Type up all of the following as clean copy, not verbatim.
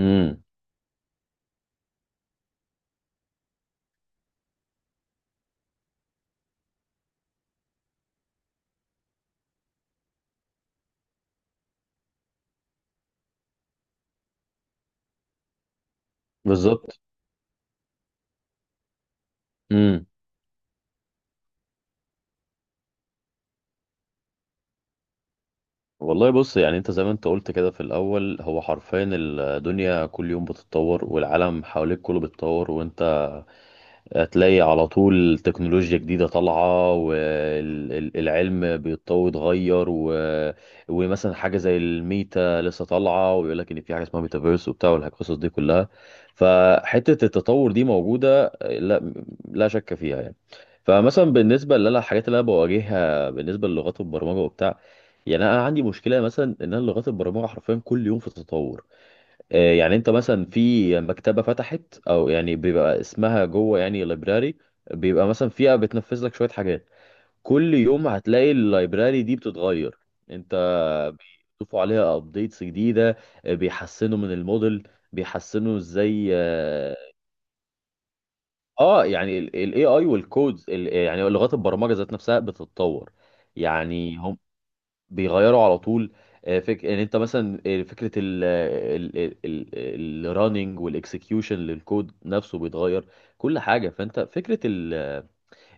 امم. بالظبط. امم. والله، بص. يعني انت زي ما انت قلت كده في الاول، هو حرفيا الدنيا كل يوم بتتطور، والعالم حواليك كله بيتطور، وانت هتلاقي على طول تكنولوجيا جديدة طالعة، والعلم بيتطور اتغير ومثلا حاجة زي الميتا لسه طالعة، ويقول لك إن في حاجة اسمها ميتافيرس وبتاع والقصص دي كلها. فحتة التطور دي موجودة، لا لا شك فيها يعني. فمثلا بالنسبة اللي أنا، الحاجات اللي أنا بواجهها بالنسبة للغات البرمجة وبتاع، يعني أنا عندي مشكلة مثلا إن أنا لغات البرمجة حرفيا كل يوم في تطور. يعني انت مثلا في مكتبة فتحت، او يعني بيبقى اسمها جوه يعني لايبراري، بيبقى مثلا فيها بتنفذ لك شوية حاجات. كل يوم هتلاقي اللايبراري دي بتتغير. انت بيضيفوا عليها ابديتس جديدة. بيحسنوا من الموديل، بيحسنوا ازاي. اه. يعني الاي اي والكودز، يعني لغات البرمجة ذات نفسها بتتطور. يعني هم بيغيروا على طول. ان انت مثلا، فكره ال الرننج والاكسكيوشن للكود نفسه بيتغير. كل حاجه. فانت فكره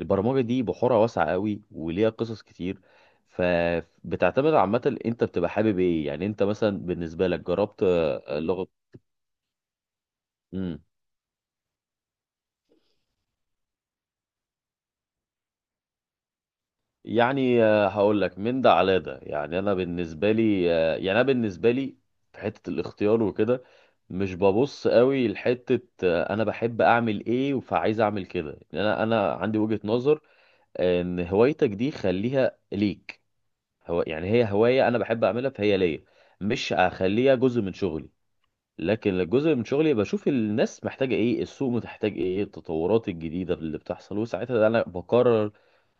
البرمجه دي بحورها واسعه قوي وليها قصص كتير. فبتعتمد عامه، انت بتبقى حابب ايه، يعني انت مثلا بالنسبه لك جربت لغه؟ يعني هقول لك من ده على ده، يعني انا بالنسبه لي في حته الاختيار وكده. مش ببص قوي لحته انا بحب اعمل ايه، فعايز اعمل كده. يعني انا عندي وجهه نظر ان هوايتك دي خليها ليك. هو يعني هي هوايه انا بحب اعملها فهي ليا، مش هخليها جزء من شغلي. لكن الجزء من شغلي بشوف الناس محتاجه ايه، السوق محتاج ايه، التطورات الجديده اللي بتحصل، وساعتها انا بقرر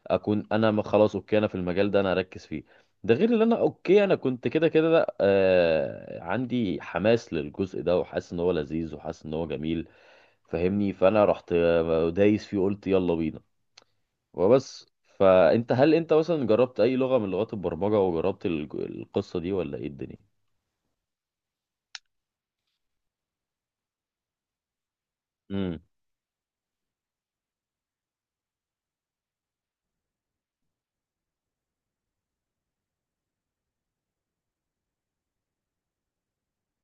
اكون انا خلاص اوكي انا في المجال ده انا اركز فيه. ده غير ان انا اوكي انا كنت كده كده عندي حماس للجزء ده، وحاسس ان هو لذيذ، وحاسس ان هو جميل، فاهمني. فانا رحت دايس فيه قلت يلا بينا وبس. فانت، هل انت مثلا جربت اي لغة من لغات البرمجة وجربت القصة دي ولا ايه الدنيا؟ امم.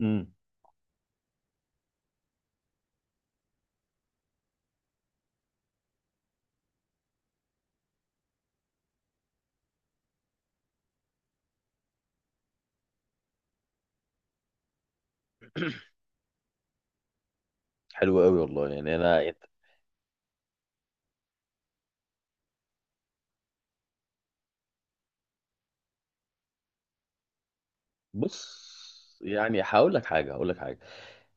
امم. حلو قوي والله، يعني انا. بص. يعني هقول لك حاجة، هقول لك حاجة.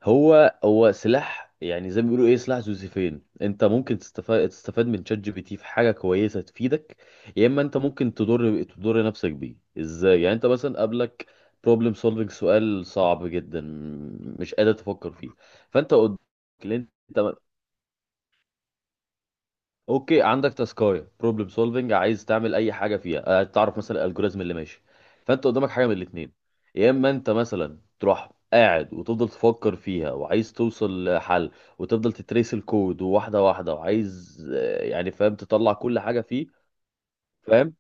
هو هو سلاح يعني، زي ما بيقولوا ايه، سلاح ذو سيفين. انت ممكن تستفاد من شات جي بي تي في حاجه كويسه تفيدك، يا اما انت ممكن تضر نفسك بيه. ازاي؟ يعني انت مثلا قابلك بروبلم سولفنج، سؤال صعب جدا، مش قادر تفكر فيه. فانت قلت اوكي، عندك تاسكايه بروبلم سولفنج عايز تعمل اي حاجه فيها، تعرف مثلا الالجوريزم اللي ماشي. فانت قدامك حاجه من الاثنين، يا اما انت مثلا تروح قاعد وتفضل تفكر فيها وعايز توصل لحل، وتفضل تتريس الكود واحده واحده وعايز يعني فاهم تطلع كل حاجه فيه. فاهم.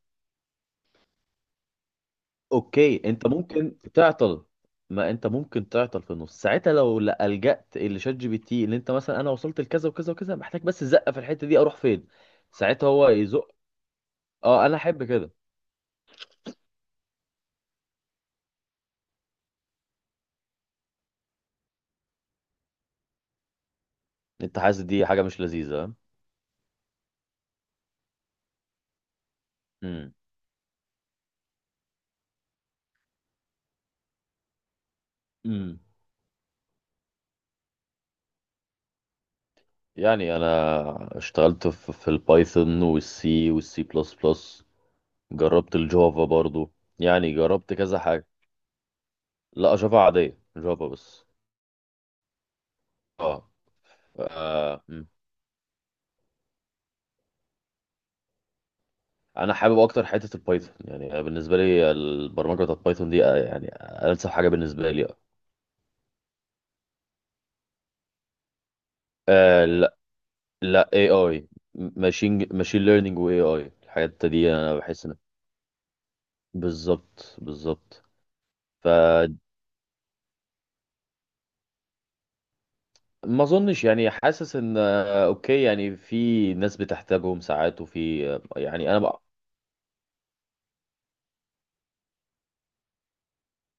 اوكي انت ممكن تعطل. ما انت ممكن تعطل في النص ساعتها، لو لجأت لشات جي بي تي اللي انت مثلا انا وصلت لكذا وكذا وكذا، محتاج بس زقه في الحته دي، اروح فين؟ ساعتها هو يزق. اه، انا احب كده. انت حاسس دي حاجة مش لذيذة؟ امم. امم. يعني انا اشتغلت في البايثون والسي والسي بلس بلس. جربت الجافا برضو. يعني جربت كذا حاجة. لا، جافا عادية، جافا بس. اه. آه، مم. انا حابب اكتر حتة البايثون، يعني أنا بالنسبة لي البرمجة بتاعت بايثون دي يعني انسب حاجة بالنسبة لي. آه لا. لا، اي اي. ماشين ليرنينج واي اي، الحاجات دي انا بحس ان. بالظبط، بالظبط. فدي. ما اظنش، يعني حاسس ان اوكي، يعني في ناس بتحتاجهم ساعات، وفي يعني انا بقى.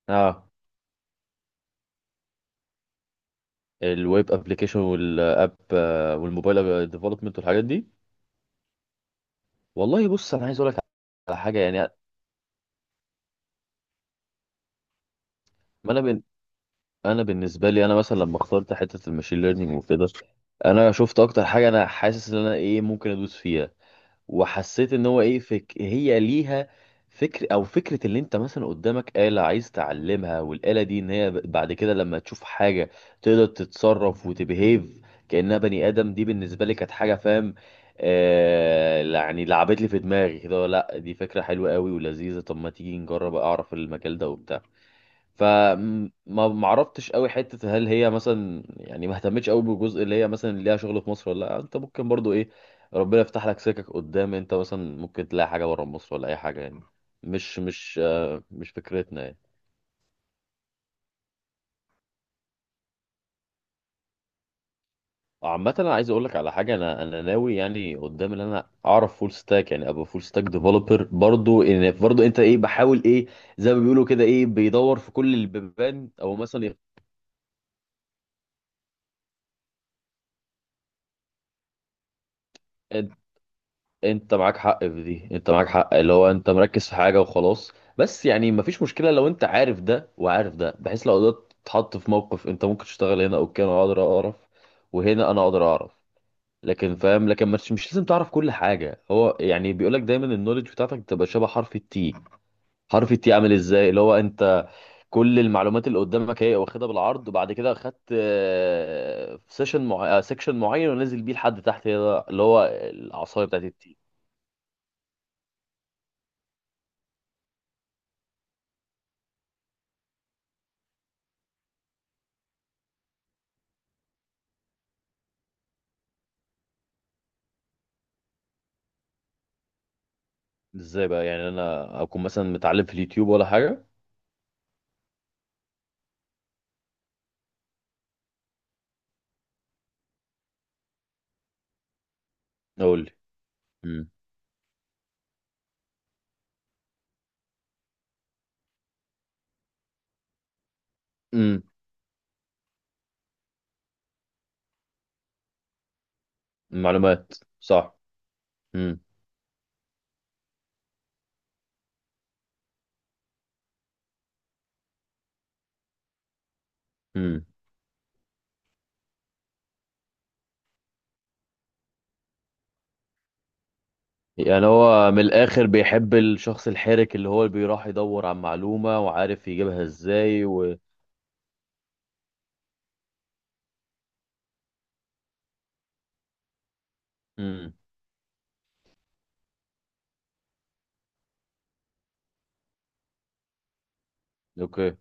اه. الويب ابلكيشن والاب والموبايل ديفلوبمنت والحاجات دي. والله بص، انا عايز اقول لك على حاجه. يعني ما انا انا بالنسبه لي انا مثلا لما اخترت حته الماشين ليرنينج وكده، انا شفت اكتر حاجه انا حاسس ان انا ايه ممكن ادوس فيها. وحسيت ان هو ايه، فك هي ليها فكر او فكره، اللي انت مثلا قدامك آلة عايز تعلمها، والاله دي ان هي بعد كده لما تشوف حاجه تقدر تتصرف وتبهيف كانها بني ادم. دي بالنسبه لي كانت حاجه فاهم. يعني لعبت لي في دماغي كده، لا دي فكره حلوه قوي ولذيذه، طب ما تيجي نجرب اعرف المجال ده وبتاع. فما ما عرفتش قوي حته، هل هي مثلا، يعني ما اهتمتش قوي بالجزء اللي هي مثلا ليها شغل في مصر ولا لا، انت ممكن برضو ايه، ربنا يفتح لك سكك قدام، انت مثلا ممكن تلاقي حاجه بره مصر ولا اي حاجه يعني. مش مش فكرتنا يعني. عامة انا عايز اقول لك على حاجة، انا ناوي يعني قدام ان انا اعرف فول ستاك، يعني ابقى فول ستاك ديفلوبر برضو. ان برضو انت ايه، بحاول ايه زي ما بيقولوا كده، ايه بيدور في كل البيبان او مثلا. انت معاك حق في دي، انت معاك حق اللي هو انت مركز في حاجه وخلاص. بس يعني مفيش مشكله لو انت عارف ده وعارف ده، بحيث لو قدرت تتحط في موقف انت ممكن تشتغل هنا اوكي انا اقدر اعرف، وهنا انا اقدر اعرف. لكن فاهم، لكن مش لازم تعرف كل حاجه. هو يعني بيقول لك دايما النولج بتاعتك تبقى شبه حرف التي. حرف التي عامل ازاي، اللي هو انت كل المعلومات اللي قدامك هي واخدها بالعرض، وبعد كده خدت سيكشن معين ونزل بيه لحد تحت. هي ده اللي هو العصايه بتاعت التي. ازاي بقى، يعني انا اكون مثلا متعلم في اليوتيوب ولا حاجه؟ اقول لي. امم. امم. معلومات. صح. امم. امم. يعني هو من الاخر بيحب الشخص الحرك، اللي هو اللي بيروح يدور عن معلومه وعارف يجيبها ازاي امم. اوكي.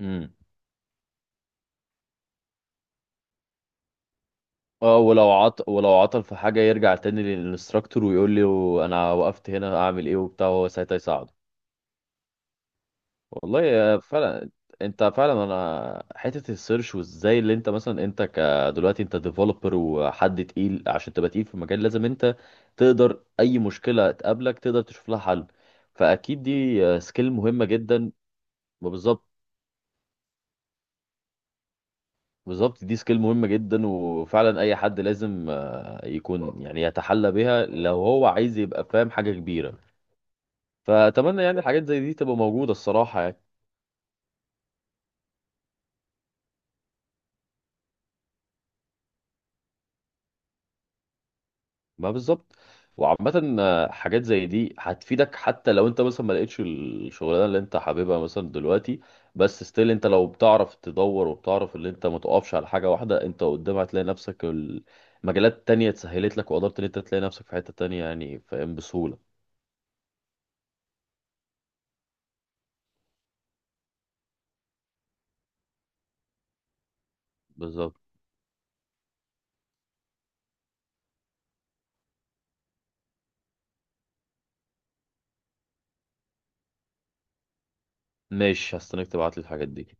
امم. اه، ولو عط ولو عطل في حاجه يرجع تاني للانستراكتور ويقول لي انا وقفت هنا اعمل ايه وبتاع، هو ساعتها يساعده. والله فعلا. انت فعلا، انا حته السيرش وازاي، اللي انت مثلا انت دلوقتي انت ديفلوبر وحد تقيل. عشان تبقى تقيل في المجال لازم انت تقدر اي مشكله تقابلك تقدر تشوف لها حل. فاكيد دي سكيل مهمه جدا. وبالظبط، بالظبط دي سكيل مهمه جدا، وفعلا اي حد لازم يكون يعني يتحلى بها لو هو عايز يبقى فاهم حاجه كبيره. فاتمنى يعني الحاجات زي دي تبقى موجوده الصراحه يعني. ما بالظبط. وعامة حاجات زي دي هتفيدك، حتى لو انت مثلا ما لقيتش الشغلانة اللي انت حاببها مثلا دلوقتي. بس ستيل انت لو بتعرف تدور وبتعرف ان انت ما تقفش على حاجة واحدة، انت قدام هتلاقي نفسك المجالات تانية اتسهلت لك، وقدرت ان انت تلاقي نفسك في حتة تانية يعني فاهم بسهولة. بالظبط. ماشي، هستناك تبعت لي الحاجات دي.